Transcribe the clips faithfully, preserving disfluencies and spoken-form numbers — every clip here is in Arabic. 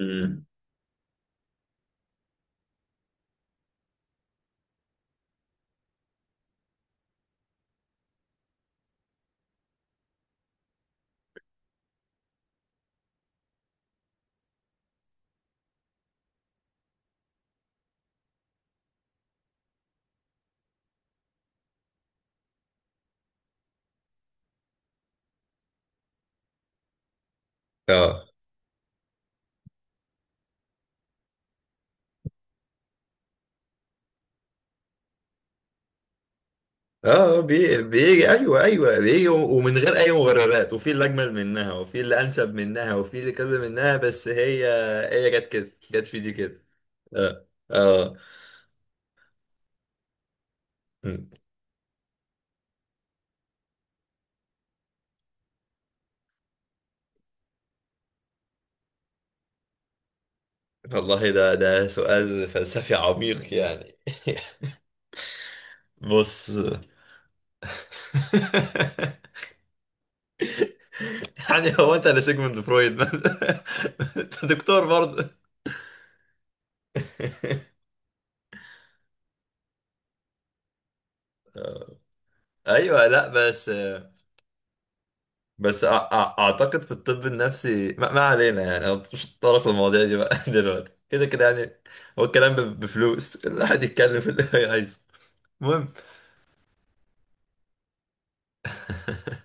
امم اه اه بي... بيجي، ايوه ايوه، بيجي و- ومن غير اي مبررات، وفي اللي اجمل منها وفي اللي انسب منها وفي اللي كذا منها، بس هي هي جت كده، جت في دي كده. اه اه. مم. والله ده ده سؤال فلسفي عميق يعني. بص. يعني هو انت اللي سيجموند فرويد؟ انت دكتور برضه. آه. ايوه. لا بس. بس أع- أع- اعتقد في الطب النفسي ما, ما علينا، يعني انا مش هتطرق للمواضيع دي بقى دلوقتي، كده كده يعني. هو الكلام ب- بفلوس الواحد يتكلم في اللي هو عايزه. المهم.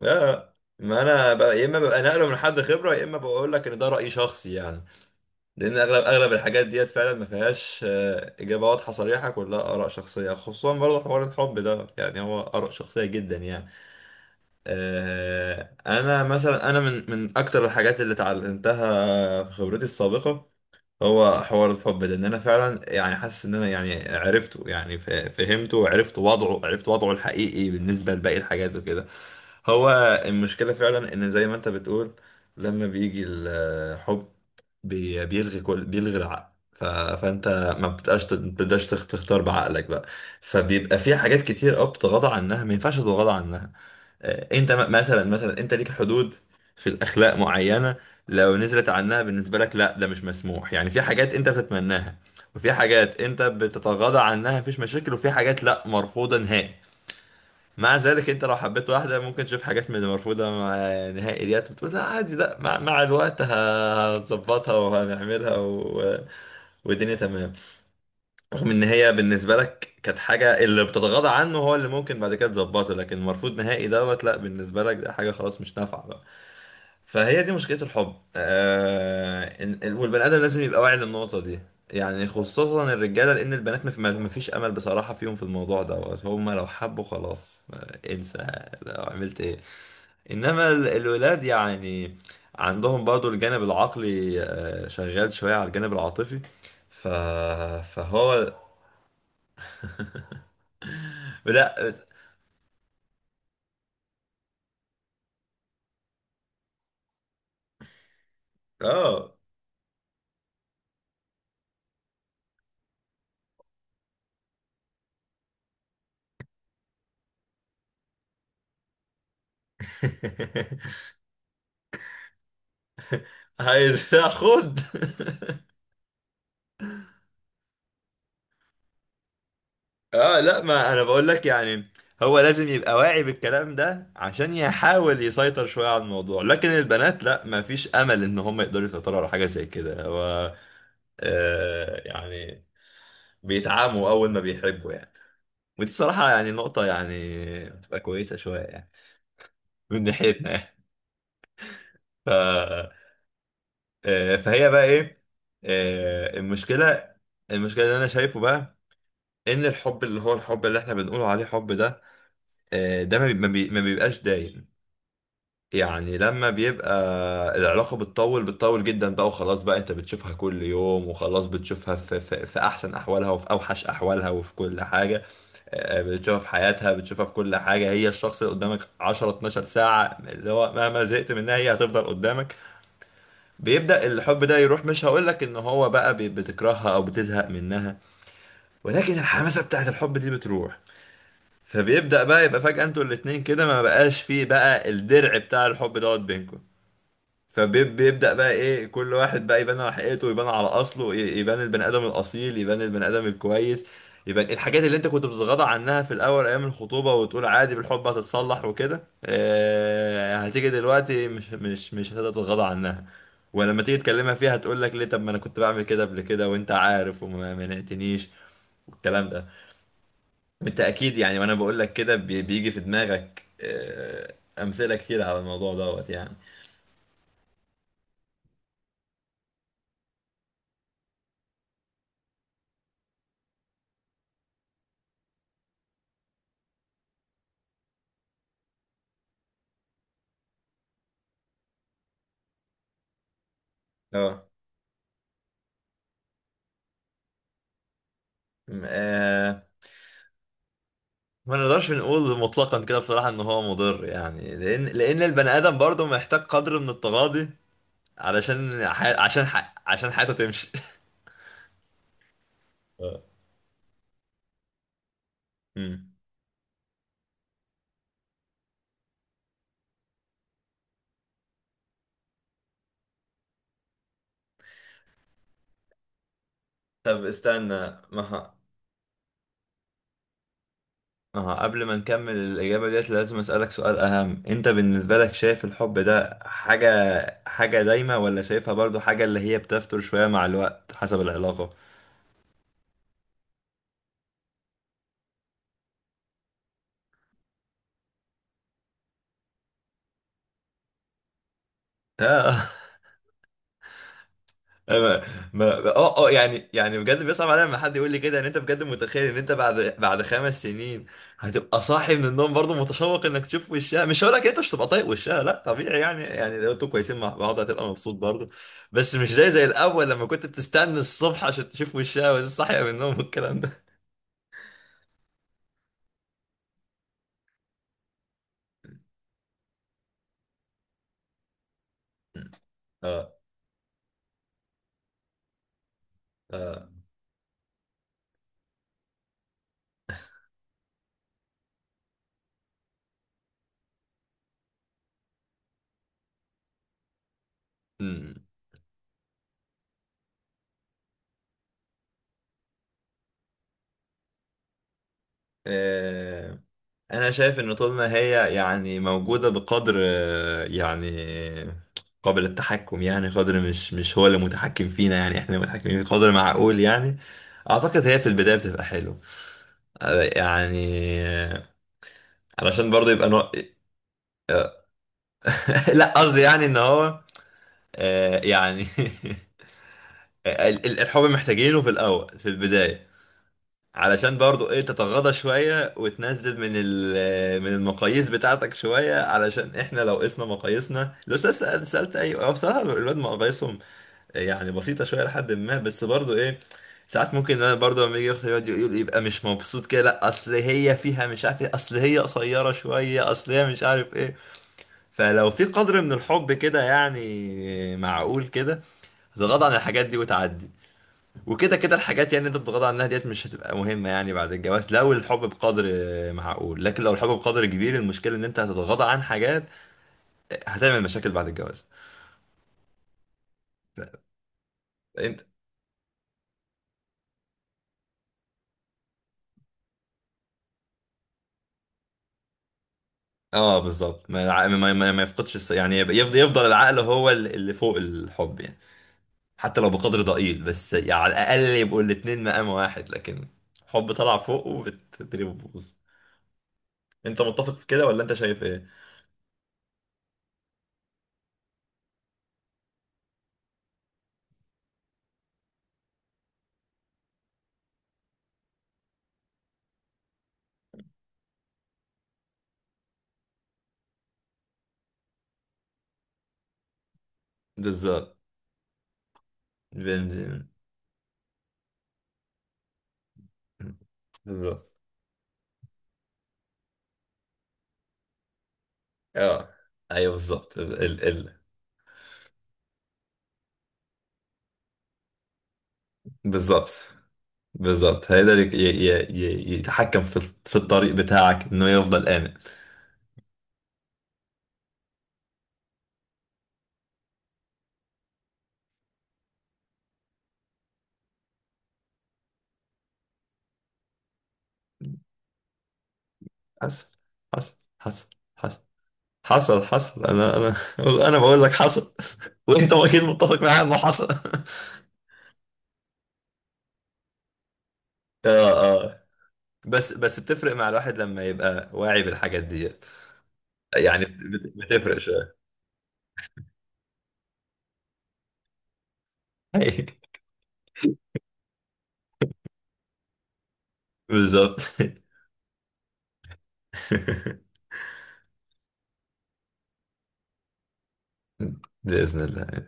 لا، ما انا بقى يا اما ببقى نقله من حد خبره يا اما بقول لك ان ده راي شخصي يعني، لان اغلب اغلب الحاجات ديت فعلا ما فيهاش آه، اجابه واضحه صريحه، كلها اراء شخصيه، خصوصا برضه حوار الحب ده، يعني هو اراء شخصيه جدا يعني. آه، انا مثلا، انا من من اكتر الحاجات اللي اتعلمتها في خبرتي السابقه هو حوار الحب ده، ان انا فعلا يعني حاسس ان انا يعني عرفته، يعني فا- فهمته وعرفت وضعه، عرفت وضعه الحقيقي بالنسبه لباقي الحاجات وكده. هو المشكله فعلا ان زي ما انت بتقول، لما بيجي الحب بي- بيلغي كل بيلغي العقل. ف... فانت ما بتبقاش ما بتبقاش تخ- تختار بعقلك بقى. فبيبقى في حاجات كتير قوي بتتغاضى عنها ما ينفعش تتغاضى عنها. آه، انت م- مثلا، مثلا انت ليك حدود في الاخلاق معينه، لو نزلت عنها بالنسبه لك لا ده مش مسموح. يعني في حاجات انت بتتمناها، وفي حاجات انت بتتغاضى عنها مفيش مشاكل، وفي حاجات لا مرفوضه نهائي. مع ذلك انت لو حبيت واحده ممكن تشوف حاجات من المرفوضه مع- نهائي ديت وتقول لا عادي، لا مع, مع الوقت ه- هنظبطها وهنعملها و... والدنيا تمام، رغم ان هي بالنسبه لك كانت حاجه اللي بتتغاضى عنه هو اللي ممكن بعد كده تظبطه، لكن المرفوض نهائي دوت لا، بالنسبه لك ده حاجه خلاص مش نافعه بقى. فهي دي مشكله الحب. آه إن- إن- والبني ادم لازم يبقى واعي للنقطه دي، يعني خصوصا الرجاله، لان البنات ما في- ما فيش امل بصراحه فيهم في الموضوع دوت، هم لو حبوا خلاص ما- انسى. لو عملت ايه؟ انما ال- الولاد يعني عندهم برضو الجانب العقلي آه، شغال شويه على الجانب العاطفي. ف... فهو. لا بس. اه. عايز اخد. اه، لا ما انا بقول لك يعني هو لازم يبقى واعي بالكلام ده عشان يحاول يسيطر شوية على الموضوع، لكن البنات لا ما فيش امل ان هم يقدروا يسيطروا على حاجة زي كده. هو آه يعني بيتعاموا اول ما بيحبوا يعني. ودي بصراحة يعني نقطة، يعني بتبقى كويسة شوية يعني من ناحيتنا يعني. ف... آه فهي بقى ايه. آه المشكلة المشكلة اللي انا شايفه بقى ان الحب اللي هو الحب اللي احنا بنقول عليه حب ده، آه، ده ما بي- ما بي- ما بيبقاش دايم. يعني لما بيبقى العلاقة بتطول، بتطول جدا بقى وخلاص بقى انت بتشوفها كل يوم وخلاص، بتشوفها في, في, في احسن احوالها وفي اوحش احوالها وفي كل حاجة. آه، بتشوفها في حياتها، بتشوفها في كل حاجة، هي الشخص اللي قدامك عشرة اتناشر ساعة اللي هو مهما زهقت منها هي هتفضل قدامك. بيبدأ الحب ده يروح، مش هقولك ان هو بقى بي- بتكرهها او بتزهق منها، ولكن الحماسة بتاعت الحب دي بتروح. فبيبدأ بقى يبقى فجأة انتوا الاتنين كده ما بقاش فيه بقى الدرع بتاع الحب دوت بينكم. فبيبدأ بقى ايه، كل واحد بقى يبان على حقيقته، يبان على اصله، ي- يبان البني ادم الاصيل، يبان البني ادم الكويس، يبان الحاجات اللي انت كنت بتتغاضى عنها في الاول ايام الخطوبة وتقول عادي بالحب هتتصلح وكده. آه هتيجي دلوقتي مش مش مش هتتغاضى عنها. ولما تيجي تكلمها فيها هتقول لك ليه، طب ما انا كنت بعمل كده قبل كده وانت عارف وما منعتنيش، والكلام ده بالتأكيد يعني. وأنا بقول لك كده بي- بيجي في دماغك آه، أمثلة كتير على الموضوع دوت يعني. اه. م- آه، ما نقدرش نقول مطلقا كده بصراحة إن هو مضر، يعني لأن لأن البني آدم برضه محتاج قدر من التغاضي علشان ح... عشان ح... عشان حياته تمشي. آه. مم. طب استنى، ما ه... اه قبل ما نكمل الإجابة ديت لازم أسألك سؤال أهم. أنت بالنسبة لك شايف الحب ده حاجة، حاجة دايمة ولا شايفها برضو حاجة اللي هي بتفتر شوية مع الوقت حسب العلاقة؟ آه. ما ما اه اه، يعني يعني بجد بيصعب عليا لما حد يقول لي كده ان انت بجد متخيل ان انت بعد بعد خمس سنين هتبقى صاحي من النوم برضه متشوق انك تشوف وشها. مش هقول لك إيه، انت مش هتبقى طايق وشها، لا طبيعي يعني، يعني لو انتوا كويسين مع بعض هتبقى مبسوط برضه، بس مش زي زي الاول لما كنت بتستنى الصبح عشان تشوف وشها وهي صاحيه من النوم والكلام ده. اه اه. آه، انا شايف ان طول ما هي يعني موجوده بقدر آه، يعني قابل التحكم، يعني قدر مش مش هو اللي متحكم فينا، يعني احنا متحكمين بقدر معقول يعني. اعتقد هي في البدايه بتبقى حلو آه، يعني آه، علشان برضه يبقى نوع... لا قصدي يعني ان هو آه، يعني ال- ال- الحب محتاجينه في الاول في البدايه علشان برضو ايه تتغاضى شوية وتنزل من ال- من المقاييس بتاعتك شوية، علشان احنا لو قسنا مقاييسنا، لو سألت سألت اي أو بصراحة الولاد مقاييسهم يعني بسيطة شوية لحد ما، بس برضو ايه ساعات ممكن انا برضو لما يجي اختي يقعد يقول يبقى مش مبسوط كده، لا اصل هي فيها مش عارف ايه، اصل هي قصيرة شوية، اصل هي مش عارف ايه. فلو في قدر من الحب كده يعني معقول كده تتغاضى عن الحاجات دي وتعدي، وكده كده الحاجات يعني انت بتتغاضى عنها ديت مش هتبقى مهمة يعني بعد الجواز، لو الحب بقدر آه، معقول. لكن لو الحب بقدر كبير المشكلة ان انت هتتغاضى عن حاجات هتعمل مشاكل بعد الجواز. انت. اه بالظبط، ما, الع- ما, ما, ما يفقدش الص- يعني يفضل, يفضل العقل هو ال- اللي فوق الحب يعني، حتى لو بقدر ضئيل بس يعني، على الاقل يبقوا الاتنين مقام واحد، لكن حب طلع فوق وبالتدريب بوظ. انت متفق في كده ولا انت شايف ايه؟ بالظبط. بنزين. بالظبط. اه ايوه بالظبط ال ال ال بالظبط. بالظبط هيقدر يك- ي- ي- ي- يتحكم في في الطريق بتاعك انه يفضل آمن. حصل. حصل حصل. حصل حصل حصل، انا انا انا بقول لك حصل، وانت اكيد متفق معايا انه حصل. اه اه. بس بس بتفرق مع الواحد لما يبقى واعي بالحاجات ديت، يعني بت- بت- بتفرق شويه. بالظبط. بإذن الله.